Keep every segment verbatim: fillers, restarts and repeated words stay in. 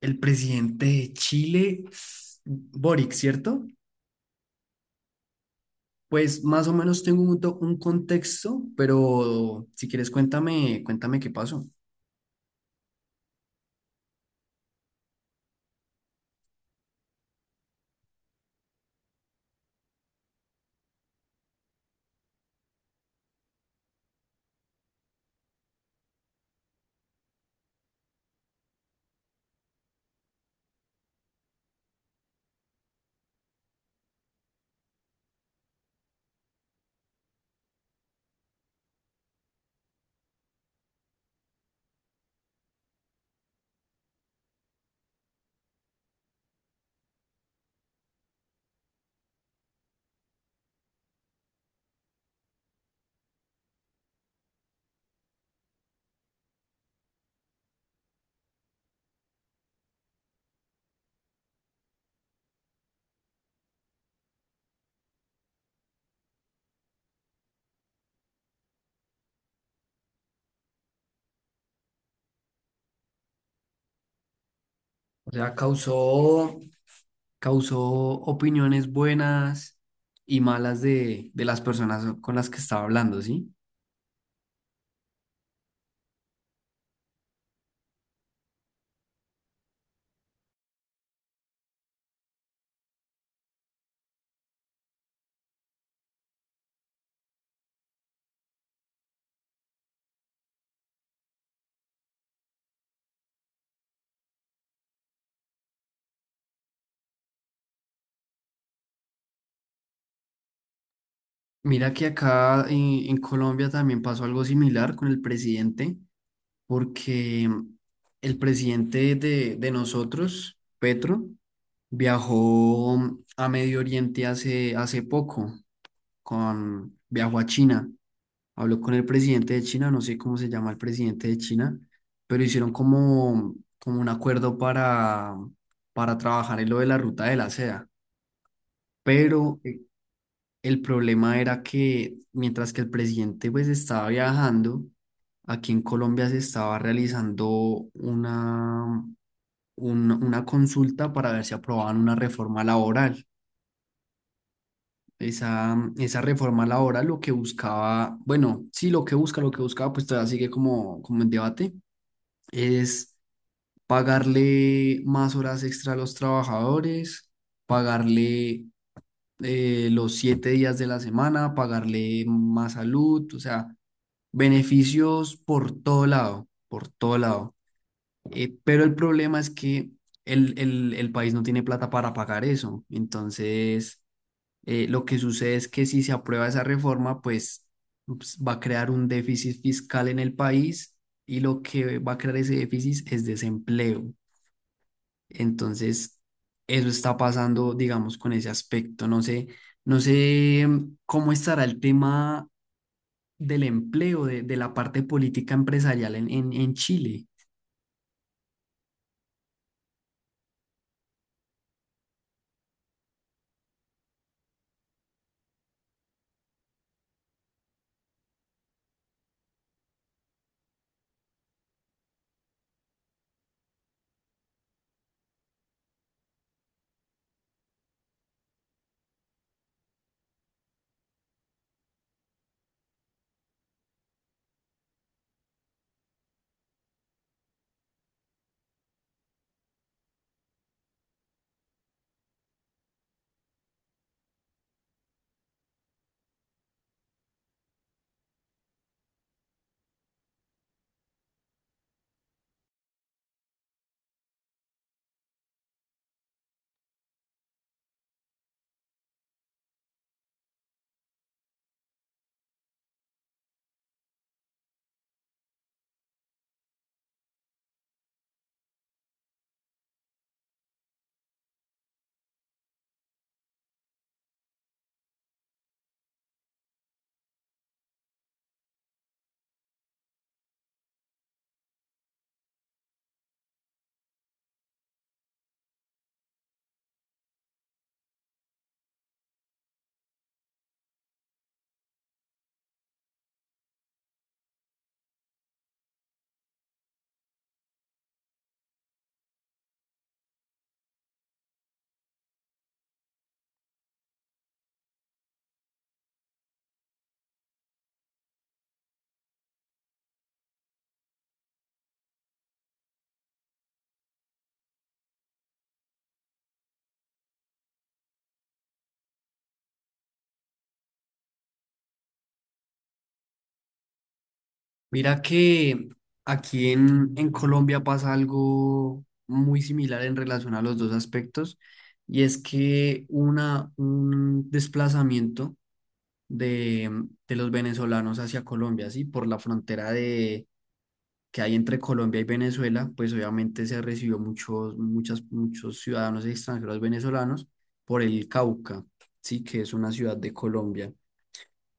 El presidente de Chile, Boric, ¿cierto? Pues más o menos tengo un, to- un contexto, pero si quieres cuéntame, cuéntame qué pasó. O sea, causó, causó opiniones buenas y malas de, de las personas con las que estaba hablando, ¿sí? Mira que acá eh, en Colombia también pasó algo similar con el presidente, porque el presidente de, de nosotros, Petro, viajó a Medio Oriente hace, hace poco, con, viajó a China, habló con el presidente de China, no sé cómo se llama el presidente de China, pero hicieron como, como un acuerdo para, para trabajar en lo de la ruta de la seda. Pero el problema era que mientras que el presidente pues estaba viajando, aquí en Colombia se estaba realizando una, un- una consulta para ver si aprobaban una reforma laboral. Esa, esa reforma laboral lo que buscaba, bueno, sí, lo que busca, lo que buscaba, pues todavía sigue como, como en debate, es pagarle más horas extra a los trabajadores, pagarle eh, los siete días de la semana, pagarle más salud, o sea, beneficios por todo lado, por todo lado. Eh, pero el problema es que el, el- el país no tiene plata para pagar eso. Entonces, eh, lo que sucede es que si se aprueba esa reforma, pues ups, va a crear un déficit fiscal en el país y lo que va a crear ese déficit es desempleo. Entonces, eso está pasando, digamos, con ese aspecto. No sé, no sé mm, cómo estará el tema del empleo, de, de la parte política empresarial en, en, en Chile. Mira que aquí en, en Colombia pasa algo muy similar en relación a los dos aspectos, y es que una, un desplazamiento de, de los venezolanos hacia Colombia, ¿sí? Por la frontera que hay entre Colombia y Venezuela, pues obviamente se recibió muchos, muchas, muchos ciudadanos extranjeros venezolanos por el Cauca, sí, que es una ciudad de Colombia.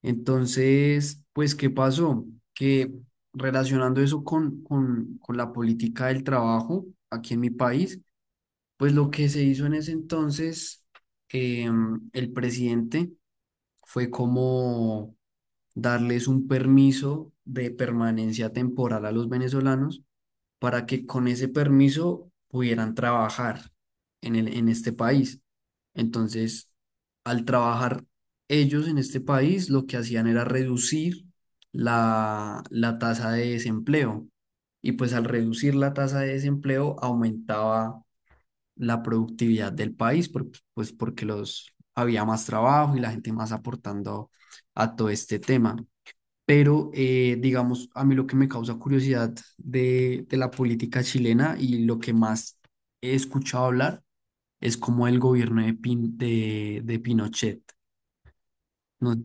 Entonces, pues, ¿qué pasó? Que relacionando eso con, con, con la política del trabajo aquí en mi país, pues lo que se hizo en ese entonces, em, el presidente fue como darles un permiso de permanencia temporal a los venezolanos para que con ese permiso pudieran trabajar en el, en este país. Entonces, al trabajar ellos en este país, lo que hacían era reducir la, la tasa de desempleo. Y pues al reducir la tasa de desempleo, aumentaba la productividad del país, por- pues porque los, había más trabajo y la gente más aportando a todo este tema. Pero, eh, digamos, a mí lo que me causa curiosidad de, de la política chilena y lo que más he escuchado hablar es como el gobierno de, Pin- de, de Pinochet. ¿No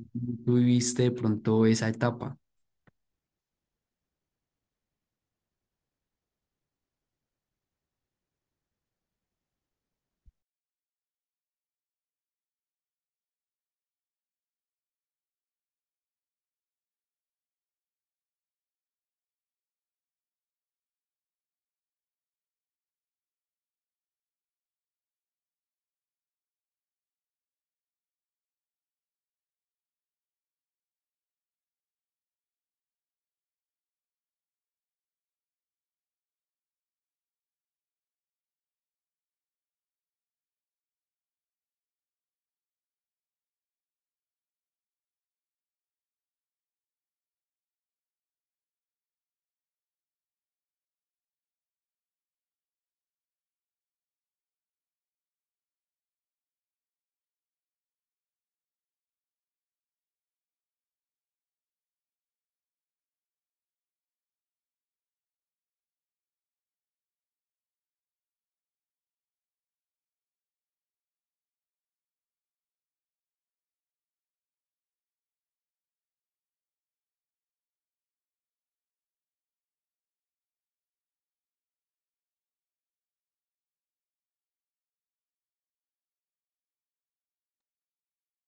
tuviste de pronto esa etapa?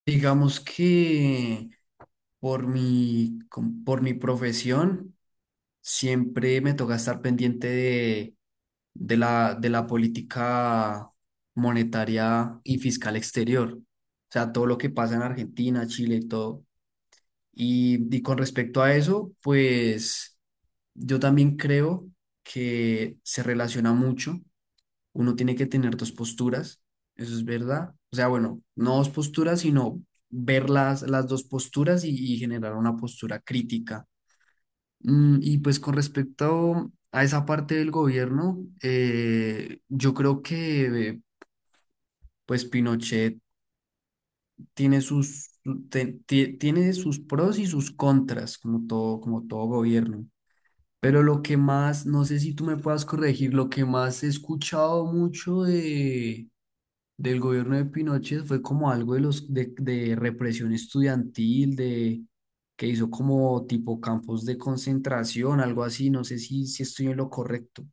Digamos que por mi, com- por mi profesión siempre me toca estar pendiente de, de la, de la política monetaria y fiscal exterior. O sea, todo lo que pasa en Argentina, Chile y todo. Y, y con respecto a eso, pues yo también creo que se relaciona mucho. Uno tiene que tener dos posturas, eso es verdad. O sea, bueno, no dos posturas, sino ver las, las dos posturas y, y generar una postura crítica. Mm, y pues con respecto a esa parte del gobierno, eh, yo creo que eh, pues Pinochet tiene sus, te- ti- tiene sus pros y sus contras, como todo, como todo gobierno. Pero lo que más, no sé si tú me puedas corregir, lo que más he escuchado mucho de, del gobierno de Pinochet fue como algo de los de, de represión estudiantil, de que hizo como tipo campos de concentración, algo así, no sé si, si estoy en lo correcto.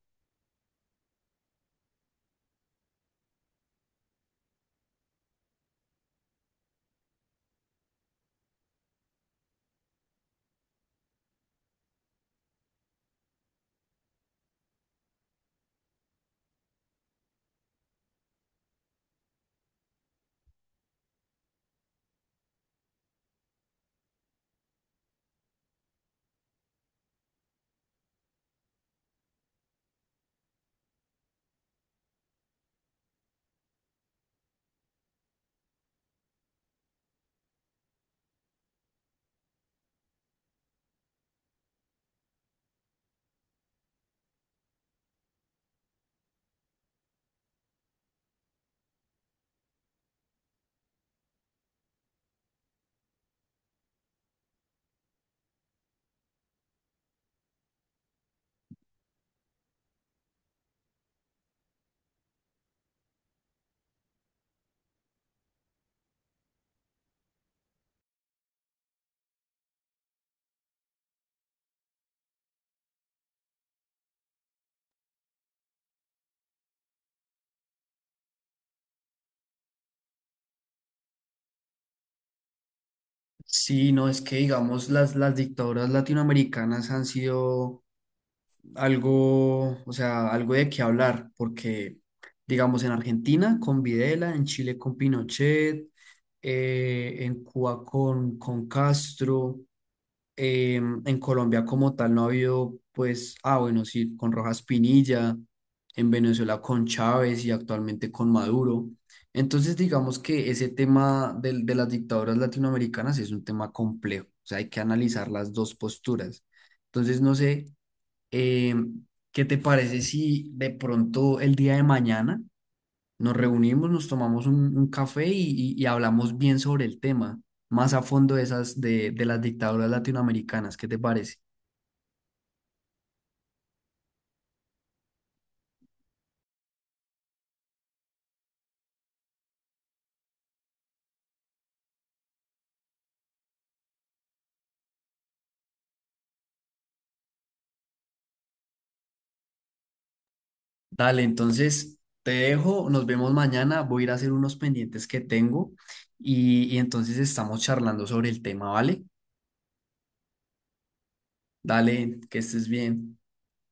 Sí, no, es que digamos las, las dictaduras latinoamericanas han sido algo, o sea, algo de qué hablar, porque digamos en Argentina con Videla, en Chile con Pinochet, eh, en Cuba con, con Castro, eh, en Colombia como tal no ha habido, pues, ah, bueno, sí, con Rojas Pinilla, en Venezuela con Chávez y actualmente con Maduro. Entonces, digamos que ese tema del- de, las dictaduras latinoamericanas es un tema complejo, o sea, hay que analizar las dos posturas. Entonces, no sé eh, ¿qué te parece si de pronto el día de mañana nos reunimos, nos tomamos un, un café y, y- y hablamos bien sobre el tema, más a fondo de esas de, de las dictaduras latinoamericanas? ¿Qué te parece? Dale, entonces te dejo, nos vemos mañana, voy a ir a hacer unos pendientes que tengo y, y entonces estamos charlando sobre el tema, ¿vale? Dale, que estés bien.